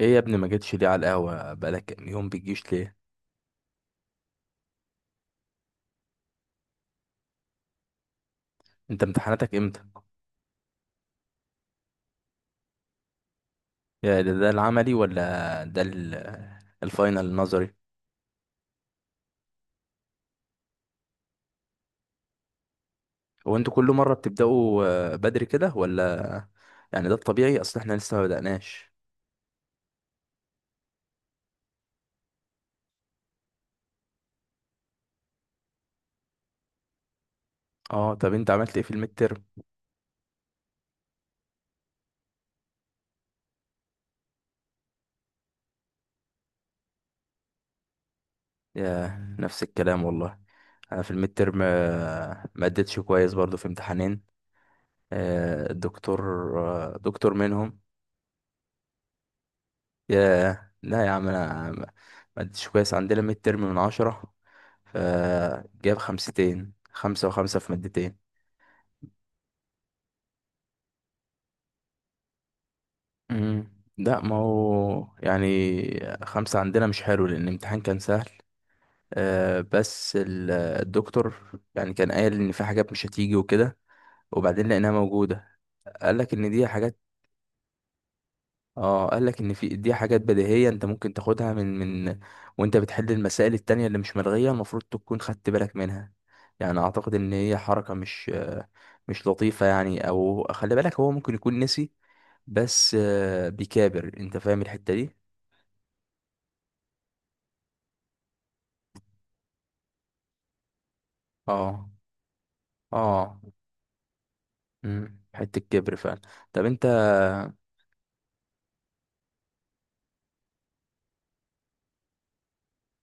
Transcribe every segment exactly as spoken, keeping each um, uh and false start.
ايه يا ابني، ما جيتش ليه على القهوة؟ بقالك كام يوم بتجيش ليه؟ انت امتحاناتك امتى؟ يا ده, ده العملي ولا ده ال- الفاينل النظري؟ هو انتوا كل مرة بتبدأوا آه، بدري كده ولا يعني ده الطبيعي؟ اصل احنا لسه ما بدأناش. اه طب انت عملت ايه في الميد ترم؟ يا نفس الكلام والله. انا في الميد ترم آه، ما اديتش كويس برضو في امتحانين. آه، الدكتور، آه، دكتور منهم. ياه لا يا عم، انا ما، ما اديتش كويس. عندنا ميد ترم من عشرة، فجاب خمستين، خمسة وخمسة في مادتين. مم. لا ما هو يعني خمسة عندنا مش حلو، لأن الامتحان كان سهل. آه، بس ال- الدكتور يعني كان قايل إن في حاجات مش هتيجي وكده، وبعدين لقيناها موجودة. قال لك إن دي حاجات، اه قال لك ان في دي حاجات بديهيه، انت ممكن تاخدها من من، وانت بتحل المسائل التانية اللي مش ملغيه المفروض تكون خدت بالك منها. يعني اعتقد ان هي حركه مش مش لطيفه يعني، او خلي بالك، هو ممكن يكون نسي، بس آه، بيكابر. انت فاهم الحته دي؟ اه اه، امم حته كبر فعلا. طب انت،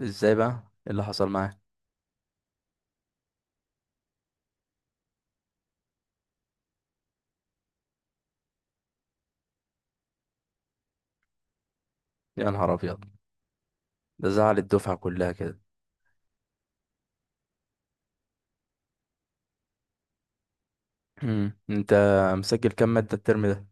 ازاي بقى؟ إيه اللي حصل معاك؟ يا نهار ابيض، ده زعل الدفعه كلها كده. امم انت مسجل كام ماده الترم ده؟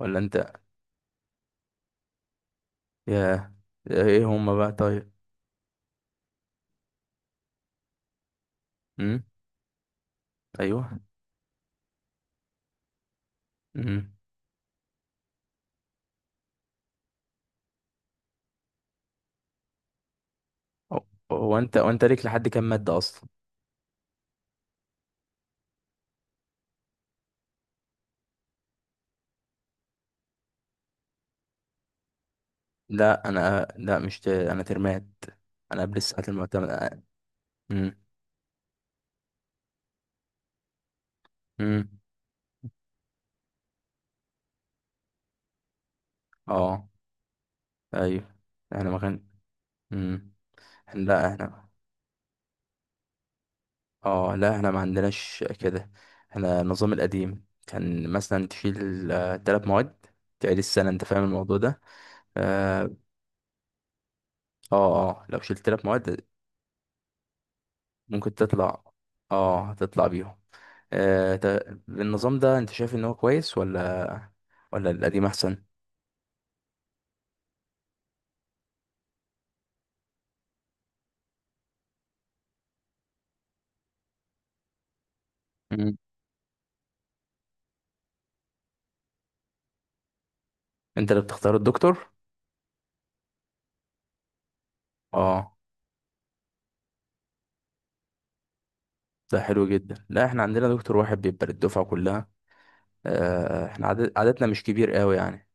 ولا انت، يا، ايه هما بقى طيب؟ امم. ايوه. امم. هو هو انت وانت ليك لحد كام ماده اصلا؟ لا انا، لا مش ت... انا ترمات، انا قبل الساعات المعتمده. امم. امم. اه. ايوه. احنا ما كان. امم. لا احنا، اه لا احنا ما عندناش كده. احنا النظام القديم كان مثلا تشيل آه، تلات مواد، تعيد السنه. انت فاهم الموضوع ده؟ اه. اه، آه، لو شلت تلات مواد ممكن تطلع، اه هتطلع بيهم. آه، تا- النظام ده انت شايف ان هو كويس، ولا ولا القديم احسن؟ مم. انت اللي بتختار الدكتور؟ اه، ده حلو جدا. لا احنا عندنا دكتور واحد بيبقى للدفعه كلها. آه، احنا عدد... عددنا مش كبير قوي يعني،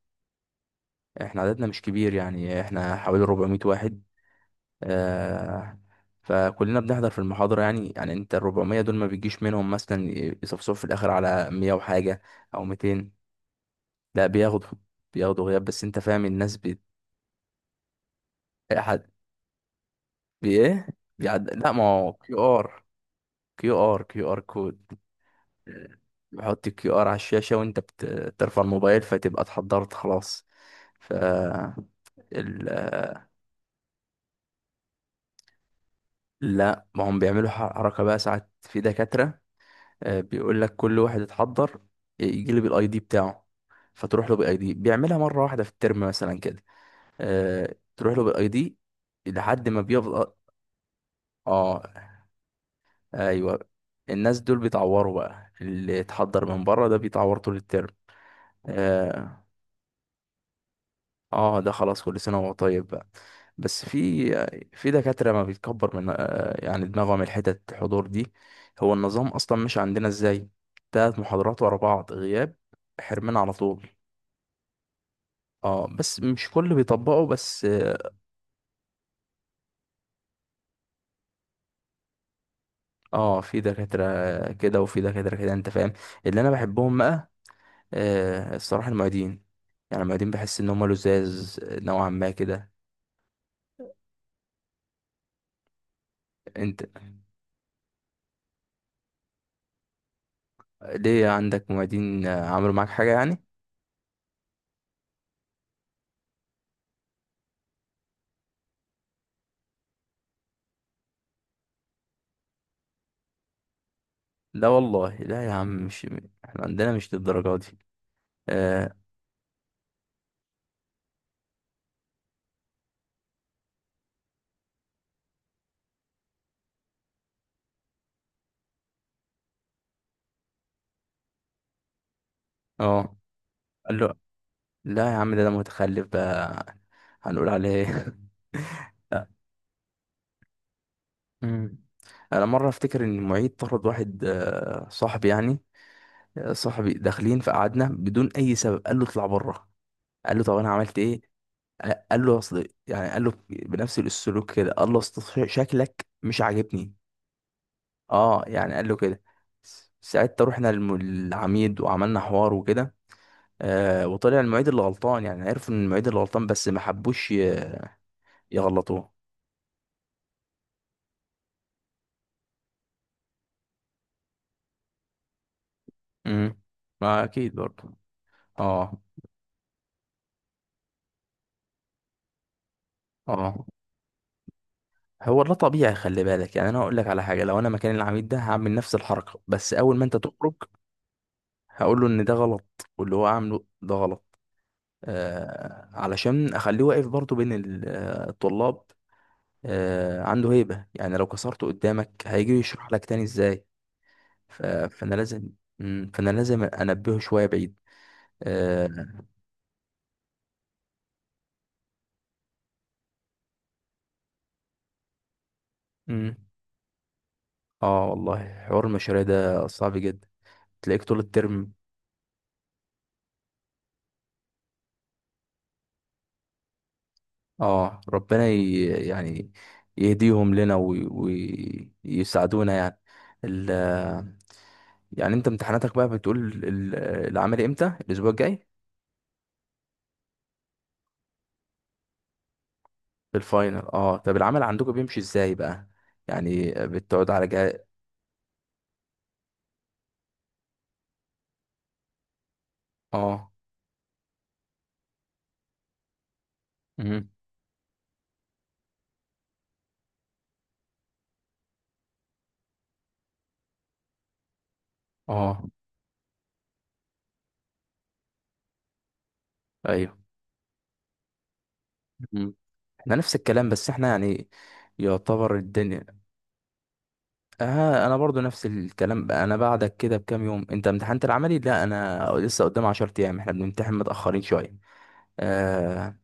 احنا عددنا مش كبير. يعني احنا حوالي أربعمائة واحد، آه، فكلنا بنحضر في المحاضره. يعني يعني انت ال أربعمية دول ما بيجيش منهم مثلا يصفصف في الاخر على مية وحاجه او ميتين. لا بياخدوا، بياخدوا غياب، بس انت فاهم الناس بت... بايه بيعد. لا ما هو كيو ار، كيو ار كيو ار كود. بحط الكيو ار على الشاشة وانت بت... بترفع الموبايل، فتبقى اتحضرت خلاص. ف، ال... لا ما هم بيعملوا ح- حركة بقى ساعات. في دكاترة آه، بيقول لك كل واحد اتحضر يجي لي بالاي دي بتاعه، فتروح له بالاي دي، بيعملها مرة واحدة في الترم مثلا كده، آه، تروح له بالاي دي لحد ما بيفضل. اه. ايوه. الناس دول بيتعوروا بقى، اللي اتحضر من بره ده بيتعور طول الترم. اه، آه، ده خلاص كل سنه وهو طيب بقى. بس في في دكاتره ما بيتكبر من آه، يعني دماغهم الحتت الحضور دي. هو النظام اصلا مش عندنا ازاي؟ تلات محاضرات ورا بعض غياب، حرمان على طول. اه بس مش كل بيطبقوا، بس اه. آه، في دكاتره كده وفي دكاتره كده، انت فاهم. اللي انا بحبهم بقى آه، الصراحة المعيدين. يعني المعيدين بحس إن هما لزاز نوعا ما كده. أنت ليه عندك معيدين آه، عملوا معاك حاجة يعني؟ لا والله لا يا عم، مش احنا عندنا مش للدرجة دي. اه. آه. قال له لا يا عم، ده أنا متخلف بقى، هنقول عليه إيه؟ لا. مم. أنا مرة أفتكر إن المعيد طرد واحد آه، صاحبي يعني. آه، صاحبي داخلين فقعدنا بدون أي سبب، قال له اطلع بره. قال له طب أنا عملت إيه؟ قال له اصل يعني، قال له بنفس السلوك كده، قال له اصل ش- شكلك مش عاجبني. اه يعني قال له كده. ساعتها رحنا للم- للعميد وعملنا حوار وكده. آه، وطلع المعيد اللي غلطان. يعني عرفوا ان المعيد اللي غلطان، بس ما حبوش ي- يغلطوه. امم. ما اكيد برضه. اه اه، هو ده طبيعي، خلي بالك. يعني انا هقول لك على حاجه، لو انا مكان العميد ده هعمل نفس الحركه، بس اول ما انت تخرج هقول له ان ده غلط، واللي هو عامله ده غلط، آه، علشان اخليه واقف برضو بين ال- آه، الطلاب، آه، عنده هيبة. يعني لو كسرته قدامك، هيجي يشرح لك تاني ازاي؟ ف- فانا لازم، مم، فانا لازم انبهه شوية بعيد. اه. مم. آه، والله حوار المشاريع ده صعب جدا، تلاقيك طول الترم. اه ربنا ي... يعني يهديهم لنا ويساعدونا يعني. ال... يعني انت امتحاناتك بقى بتقول، ال- العملي امتى؟ الاسبوع الجاي؟ في الفاينل. اه طب العمل عندكم بيمشي ازاي بقى؟ يعني بتقعد على جهاز؟ اه. مهم. اه. ايوه. مهم. احنا نفس الكلام، بس احنا يعني يعتبر الدنيا، آه انا برضو نفس الكلام بقى. انا بعدك كده بكام يوم، انت امتحنت العملي، لا انا لسه قدام عشر ايام، احنا بنمتحن متاخرين شويه. آه،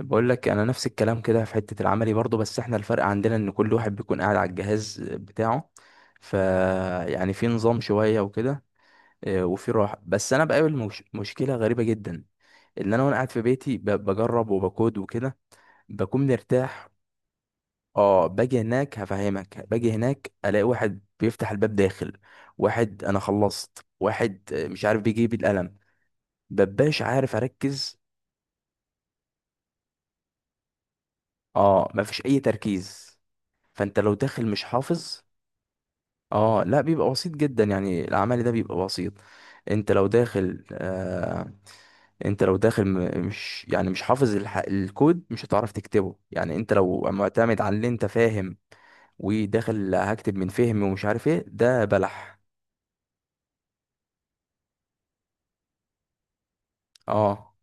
بقول لك انا نفس الكلام كده في حته العملي برضو، بس احنا الفرق عندنا ان كل واحد بيكون قاعد على الجهاز بتاعه، ف يعني في نظام شويه وكده، آه، وفي راحه. بس انا بقابل مش... مشكله غريبه جدا، ان انا وانا قاعد في بيتي ب... بجرب وبكود وكده بكون مرتاح. اه، باجي هناك هفهمك، باجي هناك الاقي واحد بيفتح الباب داخل، واحد انا خلصت، واحد آه، مش عارف بيجيب القلم، ببقاش عارف اركز. اه، مفيش اي تركيز. فانت لو داخل مش حافظ. اه لا، بيبقى بسيط جدا، يعني العمل ده بيبقى بسيط. انت لو داخل آه، انت لو داخل م- مش يعني مش حافظ الح... الكود، مش هتعرف تكتبه. يعني انت لو معتمد على اللي انت فاهم وداخل هكتب من فهم، ومش عارف ايه، ده بلح. اه.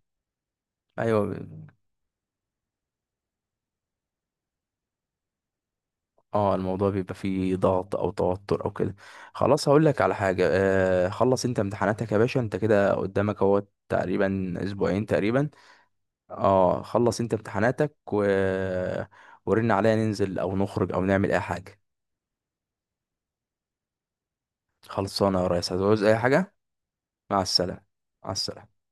ايوه. اه الموضوع بيبقى فيه ضغط او توتر او كده. خلاص، هقول لك على حاجه، آه خلص انت امتحاناتك يا باشا، انت كده قدامك اهو تقريبا اسبوعين تقريبا. اه خلص انت امتحاناتك و... ورن عليا، ننزل او نخرج او نعمل اي حاجه. خلصانه يا ريس، هتعوز اي حاجه. مع السلامة. مع السلامة.